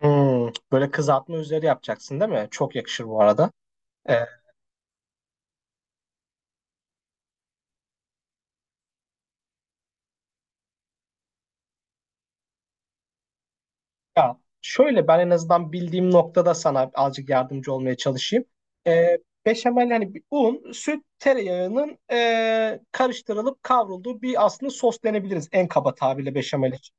Hmm, böyle kızartma üzeri yapacaksın değil mi? Çok yakışır bu arada. Ee, ya şöyle ben en azından bildiğim noktada sana azıcık yardımcı olmaya çalışayım. Ee, Beşamel yani bir un, süt, tereyağının karıştırılıp kavrulduğu bir aslında sos denebiliriz en kaba tabirle beşamel için.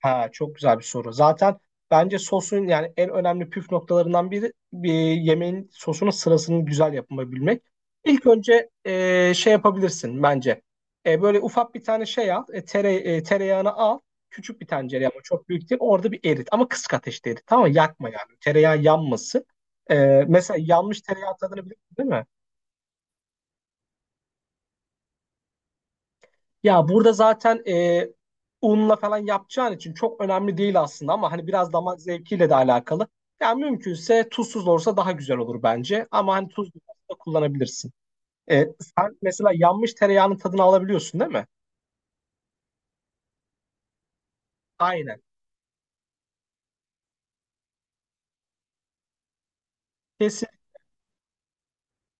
Ha, çok güzel bir soru. Zaten bence sosun yani en önemli püf noktalarından biri bir yemeğin sosunun sırasını güzel yapabilmek. İlk önce şey yapabilirsin bence. Böyle ufak bir tane şey al, tereyağını al. Küçük bir tencere ama çok büyük değil. Orada bir erit ama kısık ateşte erit. Tamam mı? Yakma yani. Tereyağı yanmasın. E, Mesela yanmış tereyağı tadını biliyorsun değil mi? Ya burada zaten unla falan yapacağın için çok önemli değil aslında ama hani biraz damak zevkiyle de alakalı. Ya mümkünse tuzsuz olursa daha güzel olur bence ama hani tuzlu da kullanabilirsin. Sen mesela yanmış tereyağının tadını alabiliyorsun değil mi? Aynen. Kesinlikle.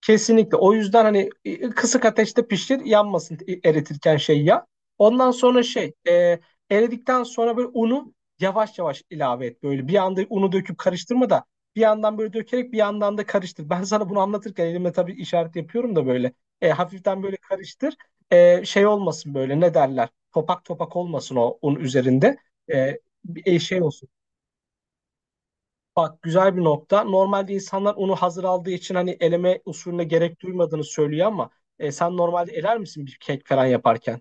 Kesinlikle. O yüzden hani kısık ateşte pişir, yanmasın, eritirken şey ya. Ondan sonra eridikten sonra böyle unu yavaş yavaş ilave et. Böyle bir anda unu döküp karıştırma da bir yandan böyle dökerek bir yandan da karıştır. Ben sana bunu anlatırken elimle tabii işaret yapıyorum da böyle. Hafiften böyle karıştır. Şey olmasın böyle ne derler? Topak topak olmasın o un üzerinde. E, Şey olsun. Bak güzel bir nokta. Normalde insanlar onu hazır aldığı için hani eleme usulüne gerek duymadığını söylüyor ama sen normalde eler misin bir kek falan yaparken?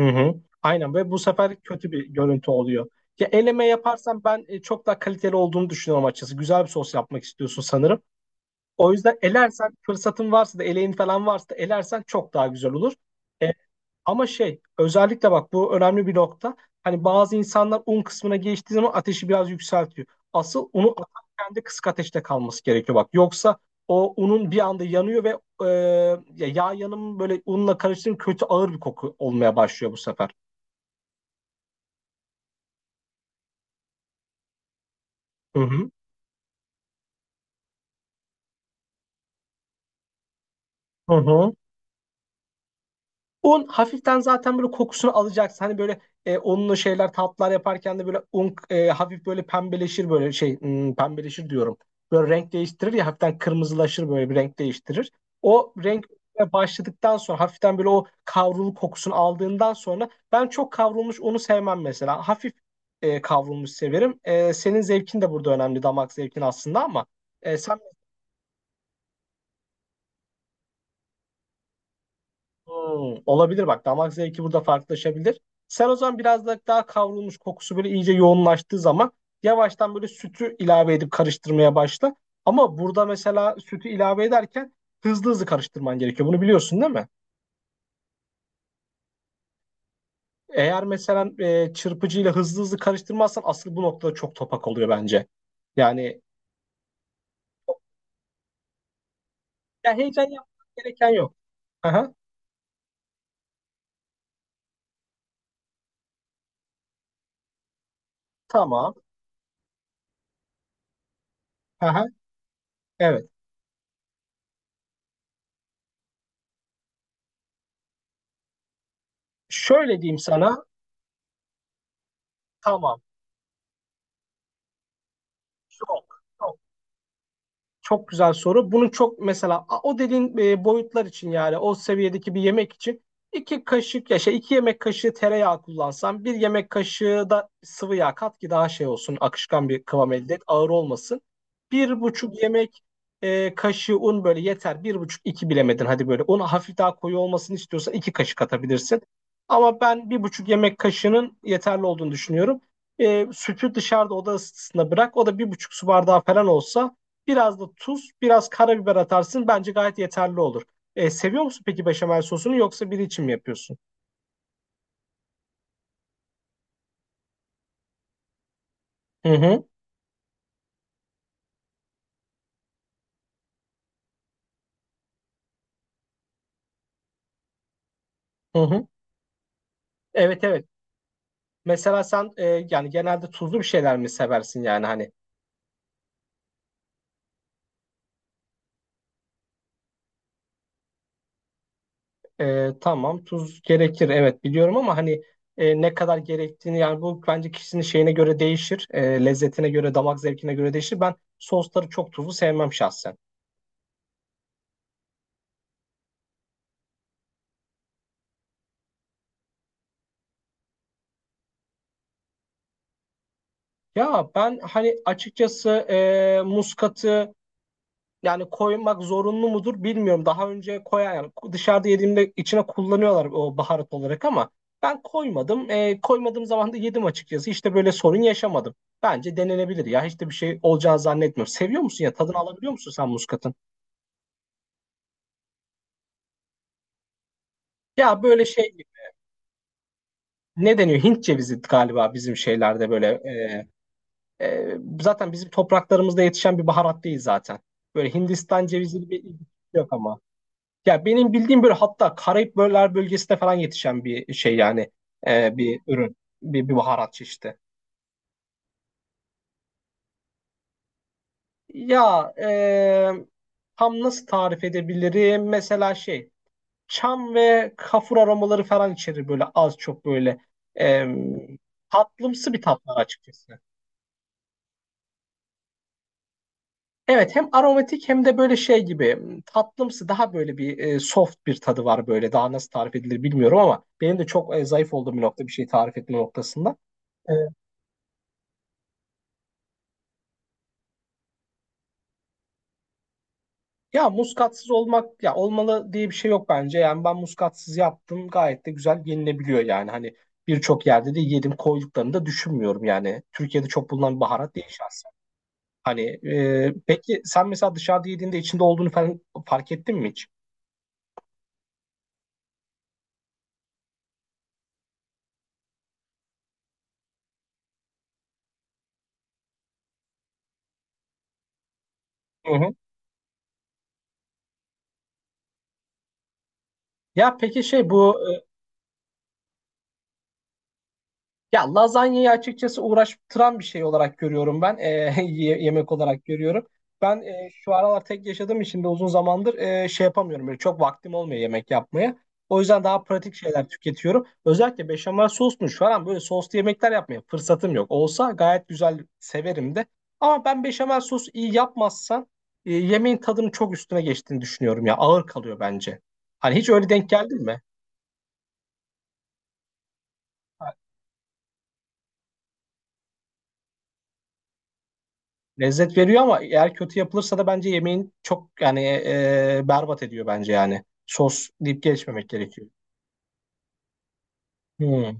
Hı hı. Aynen ve bu sefer kötü bir görüntü oluyor. Ya eleme yaparsan ben çok daha kaliteli olduğunu düşünüyorum açıkçası. Güzel bir sos yapmak istiyorsun sanırım. O yüzden elersen fırsatın varsa da eleğin falan varsa da elersen çok daha güzel olur. E, Ama şey özellikle bak bu önemli bir nokta. Hani bazı insanlar un kısmına geçtiği zaman ateşi biraz yükseltiyor. Asıl unu atarken de kısık ateşte kalması gerekiyor bak. Yoksa o unun bir anda yanıyor ve e, ya yağ yanımı böyle unla karıştırınca kötü ağır bir koku olmaya başlıyor bu sefer. Hı hı. Hı hı. Un hafiften zaten böyle kokusunu alacaksın. Hani böyle unlu şeyler tatlar yaparken de böyle un, hafif böyle pembeleşir böyle pembeleşir diyorum. Böyle renk değiştirir ya hafiften kırmızılaşır böyle bir renk değiştirir. O renk başladıktan sonra hafiften böyle o kavrulu kokusunu aldığından sonra ben çok kavrulmuş unu sevmem mesela. Hafif kavrulmuş severim. Senin zevkin de burada önemli damak zevkin aslında ama sen. Hmm, olabilir bak damak zevki burada farklılaşabilir. Sen o zaman biraz da daha kavrulmuş kokusu böyle iyice yoğunlaştığı zaman yavaştan böyle sütü ilave edip karıştırmaya başla. Ama burada mesela sütü ilave ederken hızlı hızlı karıştırman gerekiyor. Bunu biliyorsun değil mi? Eğer mesela çırpıcıyla hızlı hızlı karıştırmazsan asıl bu noktada çok topak oluyor bence. Yani ya heyecan yapmak gereken yok. Aha, tamam. Aha, evet. Şöyle diyeyim sana. Tamam. Çok. Çok güzel soru. Bunun çok mesela o dediğin boyutlar için yani o seviyedeki bir yemek için iki kaşık ya şey iki yemek kaşığı tereyağı kullansan bir yemek kaşığı da sıvı yağ kat ki daha şey olsun akışkan bir kıvam elde et ağır olmasın. Bir buçuk yemek kaşığı un böyle yeter. Bir buçuk iki bilemedin hadi böyle un hafif daha koyu olmasını istiyorsan iki kaşık atabilirsin. Ama ben bir buçuk yemek kaşığının yeterli olduğunu düşünüyorum. Sütü dışarıda oda ısısında bırak o da bir buçuk su bardağı falan olsa biraz da tuz, biraz karabiber atarsın. Bence gayet yeterli olur. Seviyor musun peki beşamel sosunu yoksa biri için mi yapıyorsun? Hı hı, hı hı. Evet evet. Mesela sen yani genelde tuzlu bir şeyler mi seversin yani hani tamam tuz gerekir evet biliyorum ama hani ne kadar gerektiğini yani bu bence kişinin şeyine göre değişir. Lezzetine göre, damak zevkine göre değişir. Ben sosları çok tuzlu sevmem şahsen. Ya ben hani açıkçası muskatı yani koymak zorunlu mudur bilmiyorum. Daha önce koyan yani dışarıda yediğimde içine kullanıyorlar o baharat olarak ama ben koymadım. Koymadığım zaman da yedim açıkçası. İşte böyle sorun yaşamadım. Bence denenebilir ya. Hiç de bir şey olacağını zannetmiyorum. Seviyor musun ya? Tadını alabiliyor musun sen muskatın? Ya böyle şey ne deniyor? Hint cevizi galiba bizim şeylerde böyle. Zaten bizim topraklarımızda yetişen bir baharat değil zaten. Böyle Hindistan cevizi gibi bir ilgisi yok ama. Ya benim bildiğim böyle hatta Karayip bölgesinde falan yetişen bir şey yani bir ürün, bir baharat çeşidi. Ya, tam nasıl tarif edebilirim? Mesela şey çam ve kafur aromaları falan içerir böyle az çok böyle e, tatlımsı bir tat var açıkçası. Evet hem aromatik hem de böyle şey gibi tatlımsı daha böyle bir soft bir tadı var böyle daha nasıl tarif edilir bilmiyorum ama benim de çok zayıf olduğum bir nokta bir şey tarif etme noktasında. E, Ya muskatsız olmak ya olmalı diye bir şey yok bence. Yani ben muskatsız yaptım gayet de güzel yenilebiliyor yani. Hani birçok yerde de yedim koyduklarını da düşünmüyorum yani. Türkiye'de çok bulunan bir baharat değil şahsen. Hani peki sen mesela dışarıda yediğinde içinde olduğunu falan fark ettin mi hiç? Hı hı. Ya peki şey bu e, Ya lazanyayı açıkçası uğraştıran bir şey olarak görüyorum ben. Yemek olarak görüyorum. Ben şu aralar tek yaşadığım için de uzun zamandır şey yapamıyorum. Böyle çok vaktim olmuyor yemek yapmaya. O yüzden daha pratik şeyler tüketiyorum. Özellikle beşamel sosmuş falan böyle soslu yemekler yapmaya fırsatım yok. Olsa gayet güzel severim de. Ama ben beşamel sos iyi yapmazsan yemeğin tadının çok üstüne geçtiğini düşünüyorum ya. Ağır kalıyor bence. Hani hiç öyle denk geldin mi? Lezzet veriyor ama eğer kötü yapılırsa da bence yemeğin çok yani berbat ediyor bence yani. Sos deyip geçmemek gerekiyor. Hmm.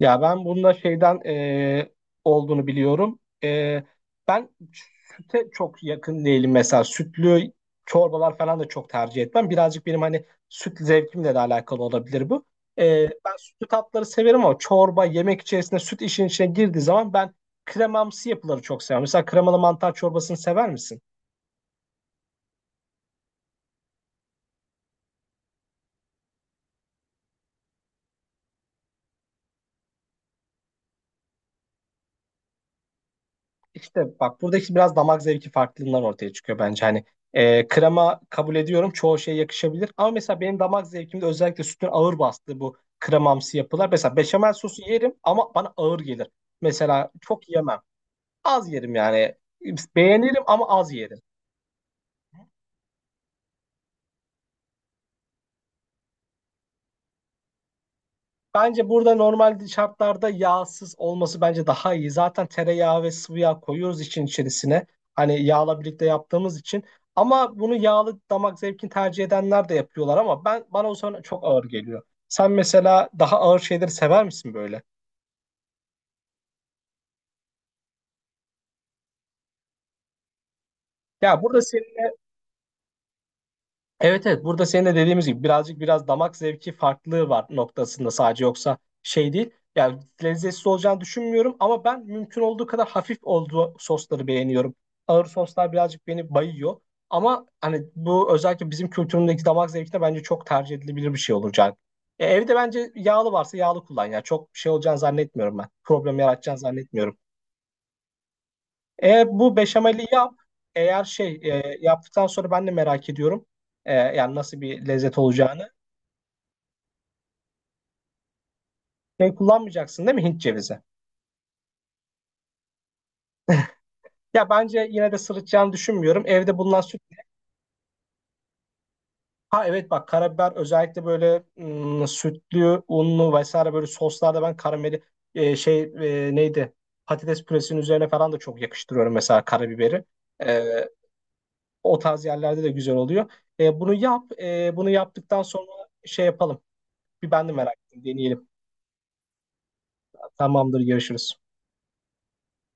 Ya ben bunda olduğunu biliyorum. E, ben süte çok yakın değilim mesela. Sütlü çorbalar falan da çok tercih etmem. Birazcık benim hani süt zevkimle de alakalı olabilir bu. E, Ben sütlü tatları severim ama çorba yemek içerisinde süt işin içine girdiği zaman ben kremamsı yapıları çok seviyorum. Mesela kremalı mantar çorbasını sever misin? İşte bak buradaki biraz damak zevki farklılığından ortaya çıkıyor bence. Hani krema kabul ediyorum çoğu şeye yakışabilir. Ama mesela benim damak zevkimde özellikle sütün ağır bastığı bu kremamsı yapılar. Mesela beşamel sosu yerim ama bana ağır gelir. Mesela çok yemem. Az yerim yani. Beğenirim ama az yerim. Bence burada normal şartlarda yağsız olması bence daha iyi. Zaten tereyağı ve sıvı yağ koyuyoruz için içerisine. Hani yağla birlikte yaptığımız için. Ama bunu yağlı damak zevkini tercih edenler de yapıyorlar ama ben bana o zaman çok ağır geliyor. Sen mesela daha ağır şeyleri sever misin böyle? Ya burada senin Evet evet burada senin de dediğimiz gibi birazcık biraz damak zevki farklılığı var noktasında sadece yoksa şey değil. Yani lezzetsiz olacağını düşünmüyorum ama ben mümkün olduğu kadar hafif olduğu sosları beğeniyorum. Ağır soslar birazcık beni bayıyor. Ama hani bu özellikle bizim kültürümüzdeki damak zevkine bence çok tercih edilebilir bir şey olacak. Evde bence yağlı varsa yağlı kullan ya. Çok şey olacağını zannetmiyorum ben. Problem yaratacağını zannetmiyorum. Eğer bu beşameli yap, eğer yaptıktan sonra ben de merak ediyorum. Yani nasıl bir lezzet olacağını. Şey kullanmayacaksın değil mi Hint cevizi? Ya bence yine de sırıtacağını düşünmüyorum. Evde bulunan süt. Ha evet bak karabiber özellikle böyle sütlü, unlu vesaire böyle soslarda ben karameli e, şey neydi? Patates püresinin üzerine falan da çok yakıştırıyorum mesela karabiberi. E, O tarz yerlerde de güzel oluyor. Bunu yap. Bunu yaptıktan sonra şey yapalım. Bir ben de merak ettim. Deneyelim. Tamamdır, görüşürüz.